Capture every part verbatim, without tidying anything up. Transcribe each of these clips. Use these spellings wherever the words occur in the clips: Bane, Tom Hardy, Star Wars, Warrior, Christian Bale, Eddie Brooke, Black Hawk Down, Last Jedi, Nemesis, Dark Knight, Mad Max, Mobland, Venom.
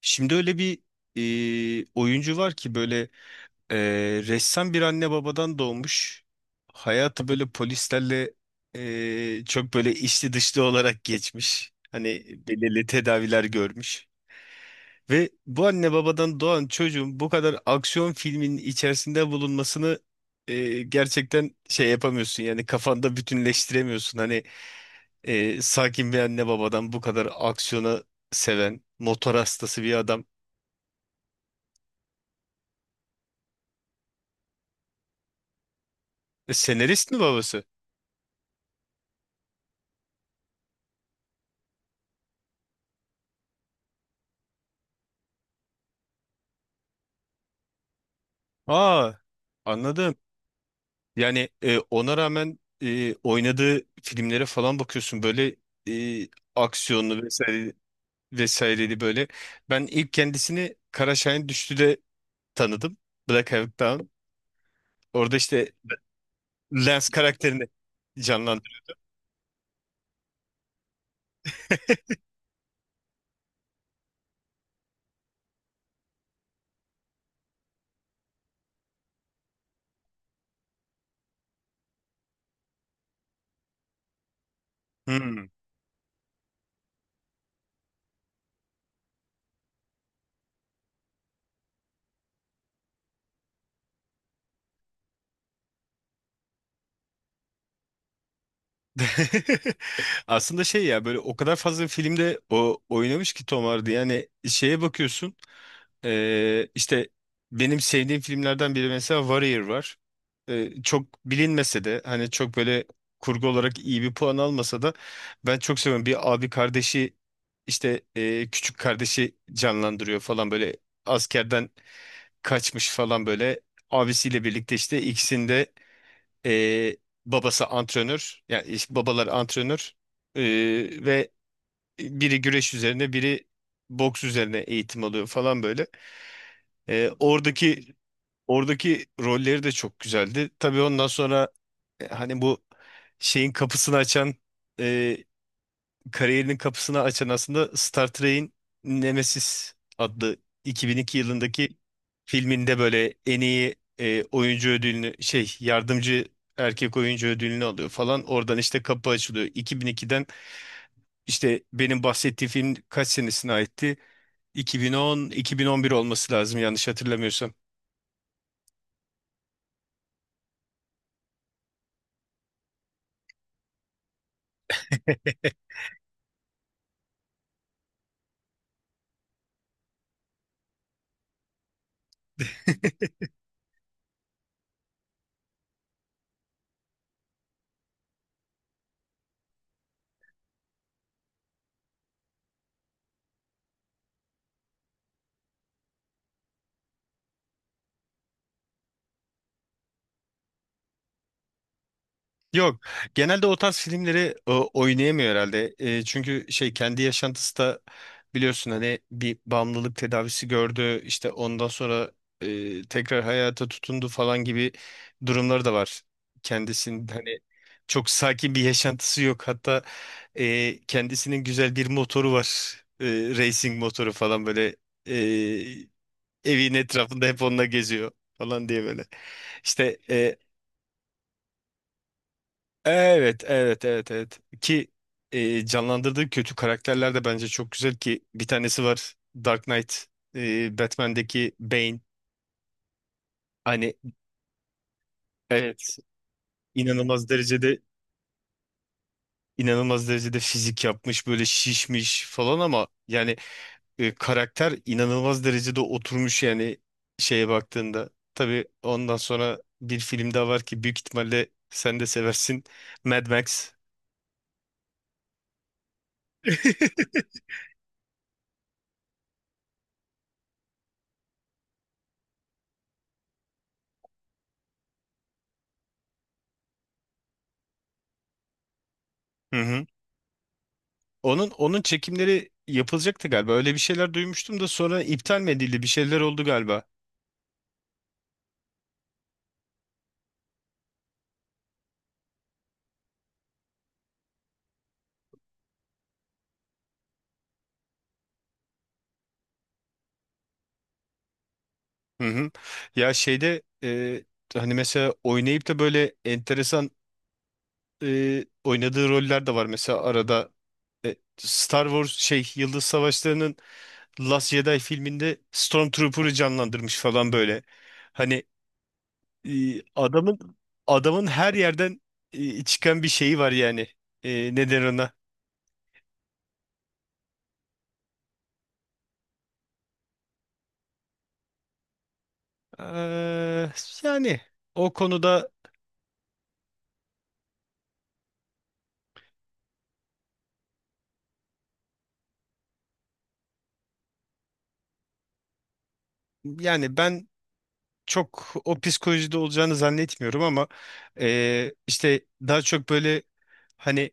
Şimdi öyle bir e, oyuncu var ki böyle e, ressam bir anne babadan doğmuş. Hayatı böyle polislerle e, çok böyle içli dışlı olarak geçmiş. Hani belirli tedaviler görmüş. Ve bu anne babadan doğan çocuğun bu kadar aksiyon filminin içerisinde bulunmasını e, gerçekten şey yapamıyorsun. Yani kafanda bütünleştiremiyorsun. Hani e, sakin bir anne babadan bu kadar aksiyona seven, motor hastası bir adam. E, Senarist mi babası? Aa, anladım. Yani e, ona rağmen e, oynadığı filmlere falan bakıyorsun böyle e, aksiyonlu vesaire vesaireli böyle. Ben ilk kendisini Kara Şahin Düştü'de tanıdım. Black Hawk Down. Orada işte Lance karakterini canlandırıyor. Hmm. Aslında şey ya böyle o kadar fazla filmde o oynamış ki Tom Hardy. Yani şeye bakıyorsun. Ee, işte benim sevdiğim filmlerden biri mesela Warrior var. Ee, çok bilinmese de hani çok böyle kurgu olarak iyi bir puan almasa da ben çok seviyorum. Bir abi kardeşi işte e, küçük kardeşi canlandırıyor falan böyle, askerden kaçmış falan böyle abisiyle birlikte işte ikisinde e, babası antrenör, yani işte babalar antrenör e, ve biri güreş üzerine biri boks üzerine eğitim alıyor falan böyle. E, oradaki Oradaki rolleri de çok güzeldi. Tabii ondan sonra e, hani bu şeyin kapısını açan e, kariyerinin kapısını açan aslında Star Trek'in Nemesis adlı iki bin iki yılındaki filminde böyle en iyi e, oyuncu ödülünü şey yardımcı erkek oyuncu ödülünü alıyor falan. Oradan işte kapı açılıyor. iki bin ikiden işte benim bahsettiğim film kaç senesine aitti? iki bin on, iki bin on bir olması lazım yanlış hatırlamıyorsam. Yok. Genelde o tarz filmleri e, oynayamıyor herhalde. E, çünkü şey kendi yaşantısı da biliyorsun hani bir bağımlılık tedavisi gördü. İşte ondan sonra e, tekrar hayata tutundu falan gibi durumları da var. Kendisinin hani çok sakin bir yaşantısı yok. Hatta e, kendisinin güzel bir motoru var. E, Racing motoru falan böyle, e, evin etrafında hep onunla geziyor falan diye böyle. İşte e, Evet, evet, evet, evet. Ki e, canlandırdığı kötü karakterler de bence çok güzel, ki bir tanesi var, Dark Knight, e, Batman'deki Bane. Hani evet, inanılmaz derecede inanılmaz derecede fizik yapmış, böyle şişmiş falan, ama yani e, karakter inanılmaz derecede oturmuş yani şeye baktığında. Tabii ondan sonra bir film daha var ki büyük ihtimalle sen de seversin. Mad Max. Hı hı. Onun onun çekimleri yapılacaktı galiba. Öyle bir şeyler duymuştum da sonra iptal mi edildi? Bir şeyler oldu galiba. Hı hı. Ya şeyde e, hani mesela oynayıp da böyle enteresan e, oynadığı roller de var. Mesela arada e, Star Wars şey Yıldız Savaşları'nın Last Jedi filminde Stormtrooper'ı canlandırmış falan böyle. Hani e, adamın adamın her yerden e, çıkan bir şeyi var yani. E, ne der ona? Eee, Yani o konuda yani ben çok o psikolojide olacağını zannetmiyorum, ama e, işte daha çok böyle hani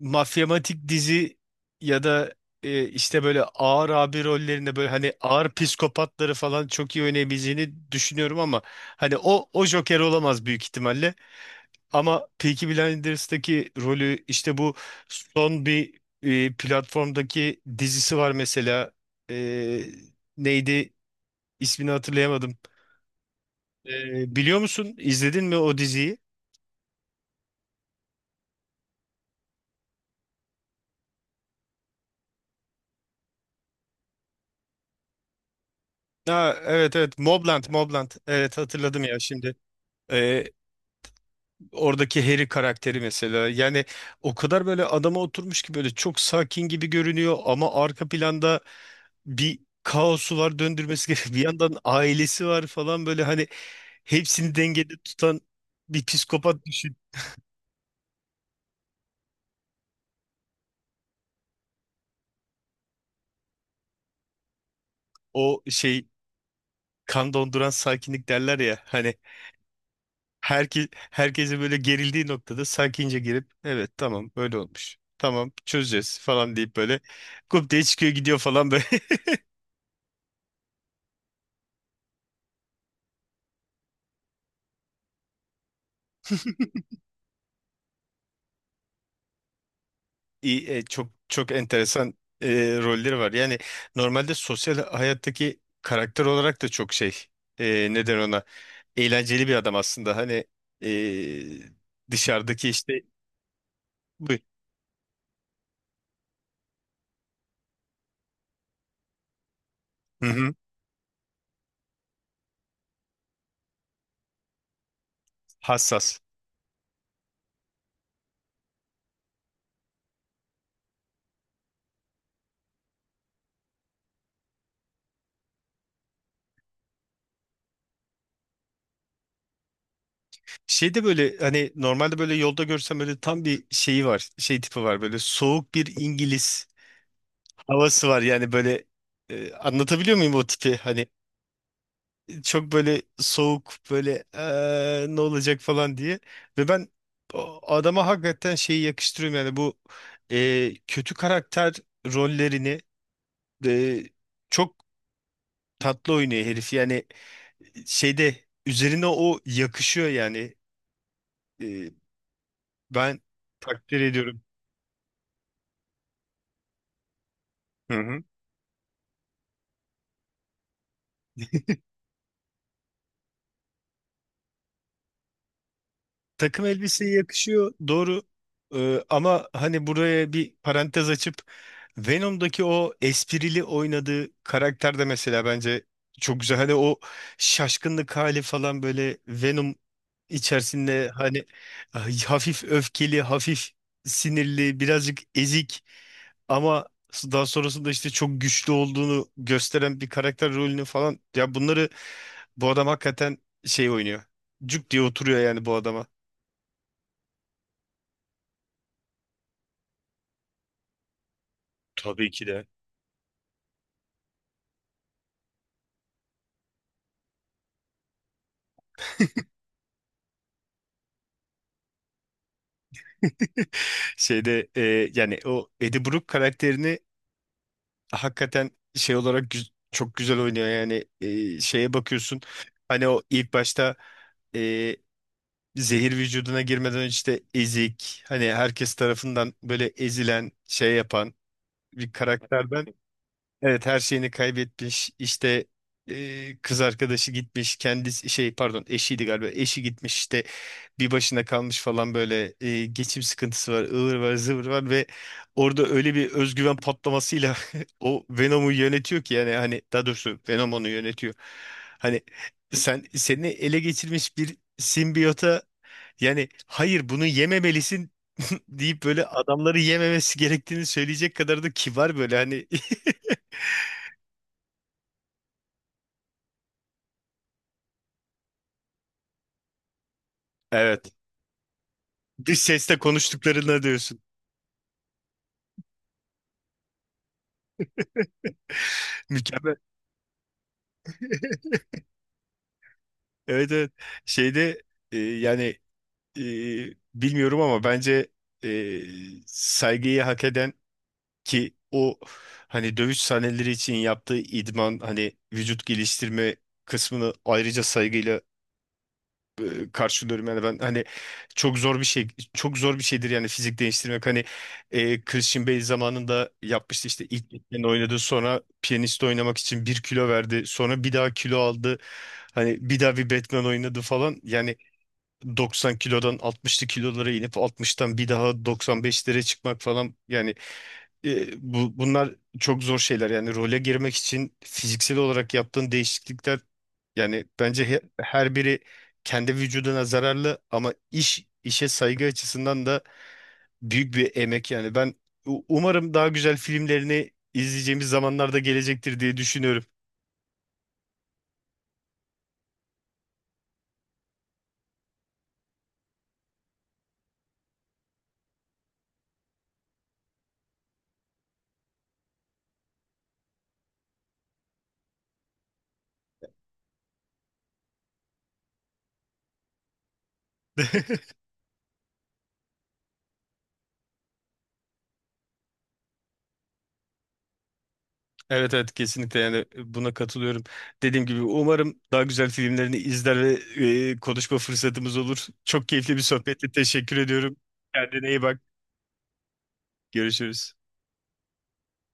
mafyamatik dizi ya da e, işte böyle ağır abi rollerinde böyle hani ağır psikopatları falan çok iyi oynayabileceğini düşünüyorum, ama hani o o Joker olamaz büyük ihtimalle. Ama Peaky Blinders'taki rolü, işte bu son bir e, platformdaki dizisi var mesela. E, neydi ismini hatırlayamadım. E, biliyor musun? İzledin mi o diziyi? Ha, evet, evet, Mobland, Mobland, evet hatırladım ya şimdi. Oradaki Harry karakteri mesela yani o kadar böyle adama oturmuş ki, böyle çok sakin gibi görünüyor ama arka planda bir kaosu var döndürmesi gerekiyor. Bir yandan ailesi var falan böyle hani, hepsini dengede tutan bir psikopat düşün. O şey, kan donduran sakinlik derler ya hani, herki, herkese böyle gerildiği noktada sakince girip evet tamam böyle olmuş. Tamam çözeceğiz falan deyip böyle kup diye çıkıyor gidiyor falan böyle. iyi, e, çok çok enteresan e, rolleri var. Yani normalde sosyal hayattaki karakter olarak da çok şey, e, neden ona eğlenceli bir adam aslında. Hani e, dışarıdaki işte bu, hı hı, hassas. Şey de böyle hani normalde böyle yolda görsem böyle tam bir şeyi var. Şey tipi var, böyle soğuk bir İngiliz havası var. Yani böyle e, anlatabiliyor muyum o tipi? Hani çok böyle soğuk böyle, "Eee, ne olacak" falan diye. Ve ben o adama hakikaten şeyi yakıştırıyorum yani, bu eee, kötü karakter rollerini eee, çok tatlı oynuyor herif yani, şeyde üzerine o yakışıyor yani. Eee, Ben takdir ediyorum. Hı hı. Takım elbiseye yakışıyor, doğru. Ee, ama hani buraya bir parantez açıp Venom'daki o esprili oynadığı karakter de mesela bence çok güzel. Hani o şaşkınlık hali falan böyle, Venom içerisinde hani ah, hafif öfkeli, hafif sinirli, birazcık ezik, ama daha sonrasında işte çok güçlü olduğunu gösteren bir karakter rolünü falan, ya bunları bu adam hakikaten şey oynuyor. Cuk diye oturuyor yani bu adama. Tabii ki de. Şeyde e, yani o Eddie Brooke karakterini hakikaten şey olarak güz- çok güzel oynuyor. Yani e, şeye bakıyorsun hani o ilk başta e, zehir vücuduna girmeden önce, işte ezik hani herkes tarafından böyle ezilen şey yapan bir karakterden. Evet, her şeyini kaybetmiş. İşte e, kız arkadaşı gitmiş. Kendisi şey, pardon, eşiydi galiba. Eşi gitmiş, işte bir başına kalmış falan böyle, e, geçim sıkıntısı var, ıvır var zıvır var, ve orada öyle bir özgüven patlamasıyla o Venom'u yönetiyor ki, yani hani daha doğrusu Venom onu yönetiyor. Hani sen seni ele geçirmiş bir simbiyota yani hayır bunu yememelisin deyip böyle adamları yememesi gerektiğini söyleyecek kadar da kibar böyle hani. Evet. Dış sesle konuştuklarına diyorsun. Mükemmel. Evet, evet. Şeyde e, yani e, bilmiyorum ama bence e, saygıyı hak eden, ki o hani dövüş sahneleri için yaptığı idman, hani vücut geliştirme kısmını ayrıca saygıyla e, karşılıyorum yani ben hani, çok zor bir şey çok zor bir şeydir yani fizik değiştirmek hani. e, Christian Bale zamanında yapmıştı, işte ilk Batman oynadı, sonra piyanist oynamak için bir kilo verdi, sonra bir daha kilo aldı hani, bir daha bir Batman oynadı falan yani. doksan kilodan altmışlı kilolara inip altmıştan bir daha doksan beşlere çıkmak falan yani, e, bu, bunlar çok zor şeyler yani, role girmek için fiziksel olarak yaptığın değişiklikler yani bence he- her biri kendi vücuduna zararlı, ama iş işe saygı açısından da büyük bir emek yani, ben u- umarım daha güzel filmlerini izleyeceğimiz zamanlarda gelecektir diye düşünüyorum. Evet, evet, kesinlikle, yani buna katılıyorum. Dediğim gibi umarım daha güzel filmlerini izler ve e, konuşma fırsatımız olur. Çok keyifli bir sohbetti. Teşekkür ediyorum. Kendine iyi bak. Görüşürüz.